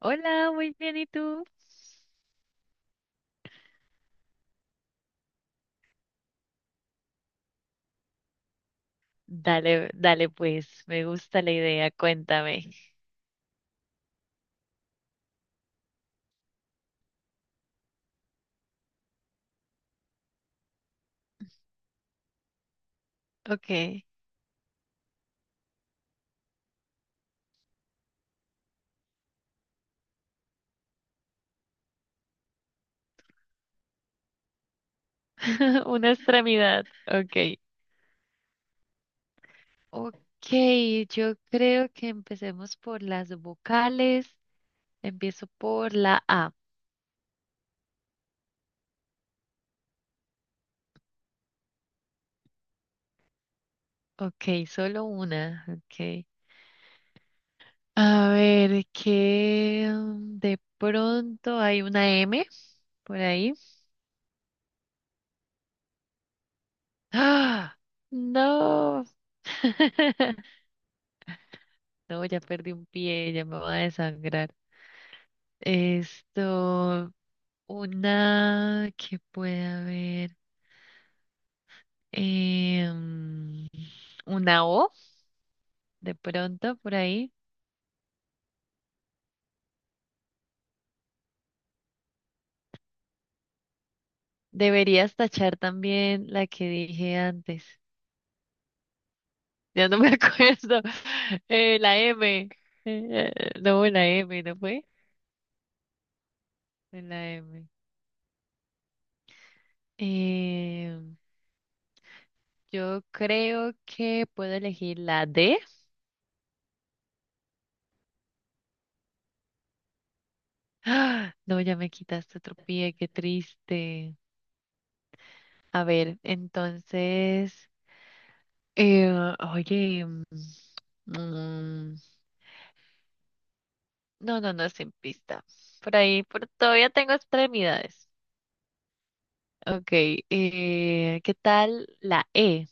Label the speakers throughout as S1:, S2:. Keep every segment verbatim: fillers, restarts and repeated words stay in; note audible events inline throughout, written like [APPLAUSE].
S1: Hola, muy bien, ¿y tú? Dale, dale pues, me gusta la idea, cuéntame. Ok, [LAUGHS] una extremidad, ok. Ok, yo creo que empecemos por las vocales, empiezo por la A. Ok, solo una, ok. A ver, que mm, de pronto hay una M por ahí. ¡Ah! No. [LAUGHS] No, ya perdí un pie, ya me voy a desangrar. Esto, una que puede haber, em, una O de pronto por ahí. Deberías tachar también la que dije antes. Ya no me [LAUGHS] acuerdo. Eh, la M. Eh, no, la M, ¿no fue? Fue la M. Em, yo creo que puedo elegir la D. ¡Ah! No, ya me quitaste otro pie, qué triste. A ver, entonces. Eh, oye, mm, mm, no, no, no, sin pista. Por ahí, por, todavía tengo extremidades. Ok, eh, ¿qué tal la E?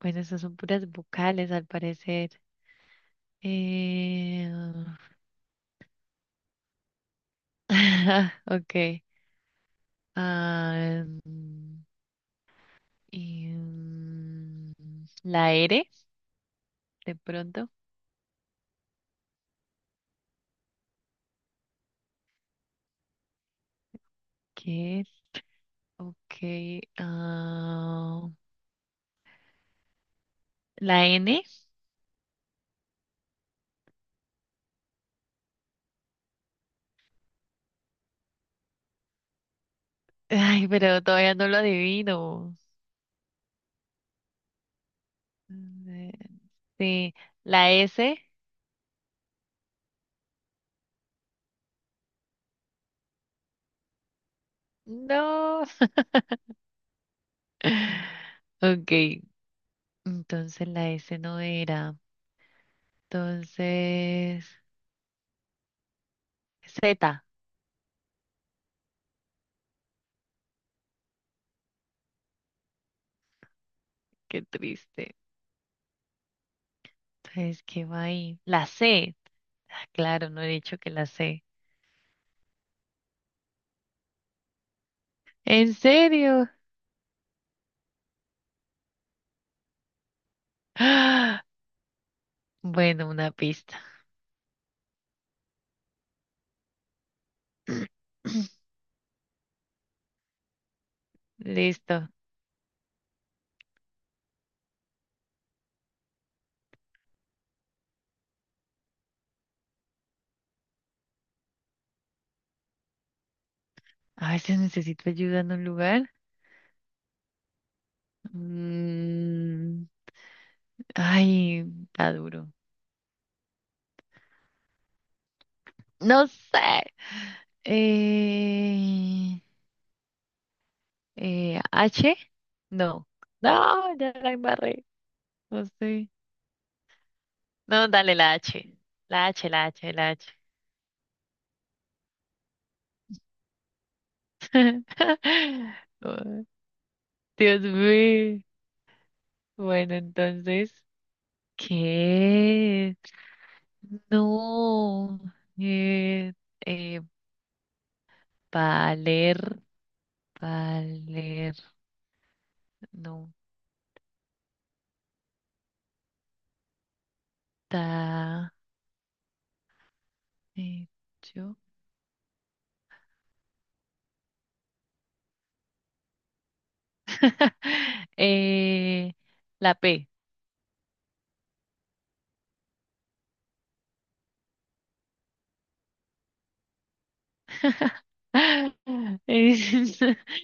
S1: Bueno, esas son puras vocales al parecer. Eh, [LAUGHS] ok. ah, mm, y, mm, la R, de pronto. ¿Qué es? Ok. ah, la N. [LAUGHS] Ay, pero todavía no lo adivino. Eh, Sí, la S. No. [LAUGHS] Ok, entonces la S no era. Entonces, Z. Qué triste. Entonces, ¿qué va ahí? La C. Ah, claro, no he dicho que la C. ¿En serio? ¡Ah! Bueno, una pista. [CLEARS THROAT] Listo. A veces necesito ayuda en un lugar. Mm, ay, está duro. No sé. Eh, eh, H. No. No, ya la embarré. No sé. No, dale la H. La H, la H, la H. [LAUGHS] Oh, Dios mío. Bueno, entonces, ¿qué? No. Eh, eh, valer, valer, no está hecho. [LAUGHS] Eh, la P. [LAUGHS] [LAUGHS] Es-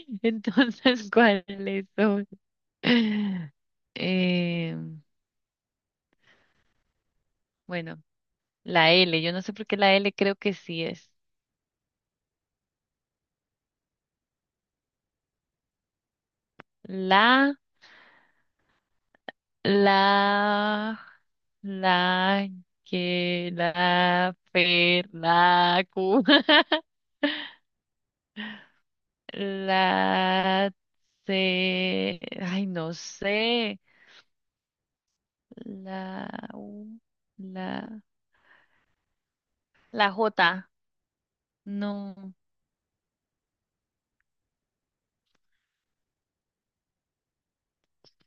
S1: [LAUGHS] Entonces, ¿cuáles son? [LAUGHS] Eh, bueno, la L. Yo no sé por qué la L creo que sí es. La, la, la, que, la, per, la, cu. [LAUGHS] La, C. Ay, no sé. La, u, la. La J. No.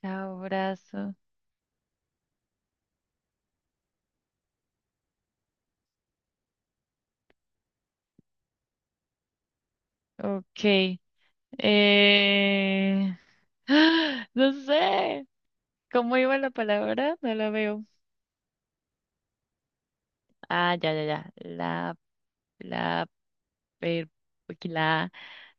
S1: Abrazo. Ok. Eh... [GASPS] No sé. ¿Cómo iba la palabra? No la veo. Ah, ya, ya, ya. La, la, per- la,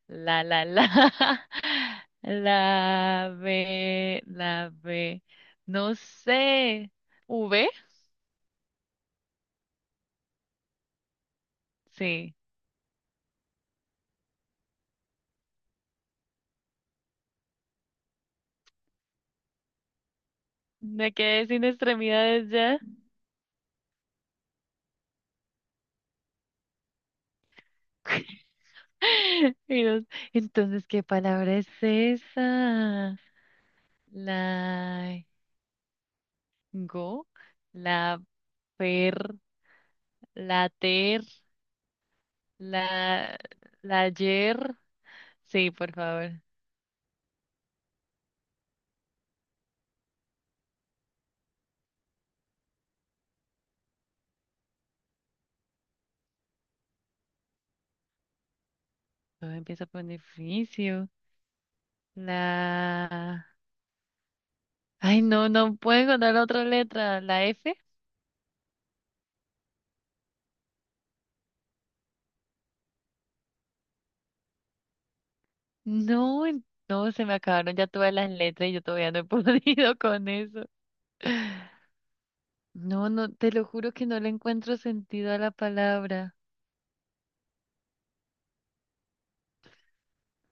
S1: la, la, la. [LAUGHS] La, B, la, B. No sé. ¿V? Sí. Me quedé sin extremidades ya. [LAUGHS] Y no- Entonces, ¿qué palabra es esa? La go, la per, la ter, la, la yer. Sí, por favor. Todo empieza por un edificio. La. Ay, no, no puedo encontrar otra letra. ¿La F? No, en- no, se me acabaron ya todas las letras y yo todavía no he [LAUGHS] podido con eso. No, no, te lo juro que no le encuentro sentido a la palabra.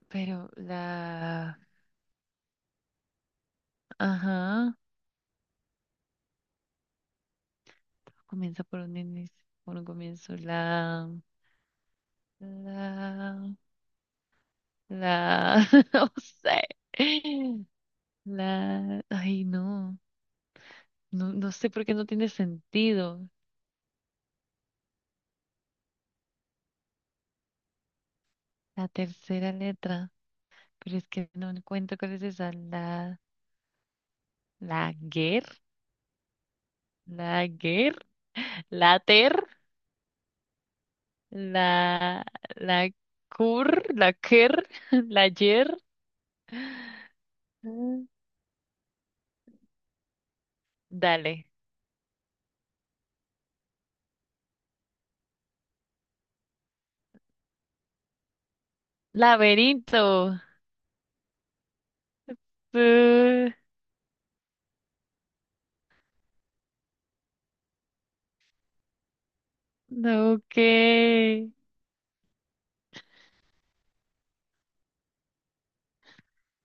S1: Pero la. Ajá. Comienza por un inicio, por un comienzo. La, la, la, [LAUGHS] no sé. La, ay, no, no, no sé por qué no tiene sentido. La tercera letra, pero es que no encuentro cuál es esa. La, la guer, la guer, la ter, la, la cur, la quer, [LAUGHS] la yer. Mm. Dale. Laberinto. Uh. Ok.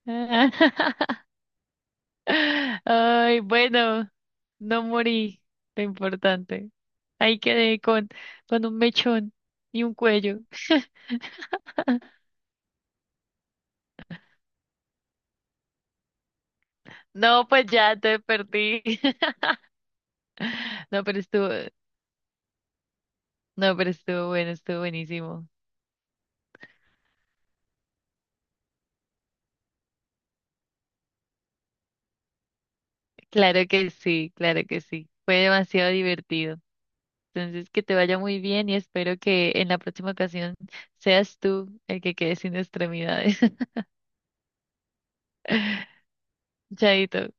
S1: [LAUGHS] Ay, bueno, no morí. Lo importante. Ahí quedé con, con un mechón y un cuello. No, pues ya te perdí. [LAUGHS] No, pero estuvo, no, pero estuvo bueno, estuvo buenísimo. Claro que sí, claro que sí. Fue demasiado divertido. Entonces, que te vaya muy bien y espero que en la próxima ocasión seas tú el que quede sin extremidades. [LAUGHS] Chaito.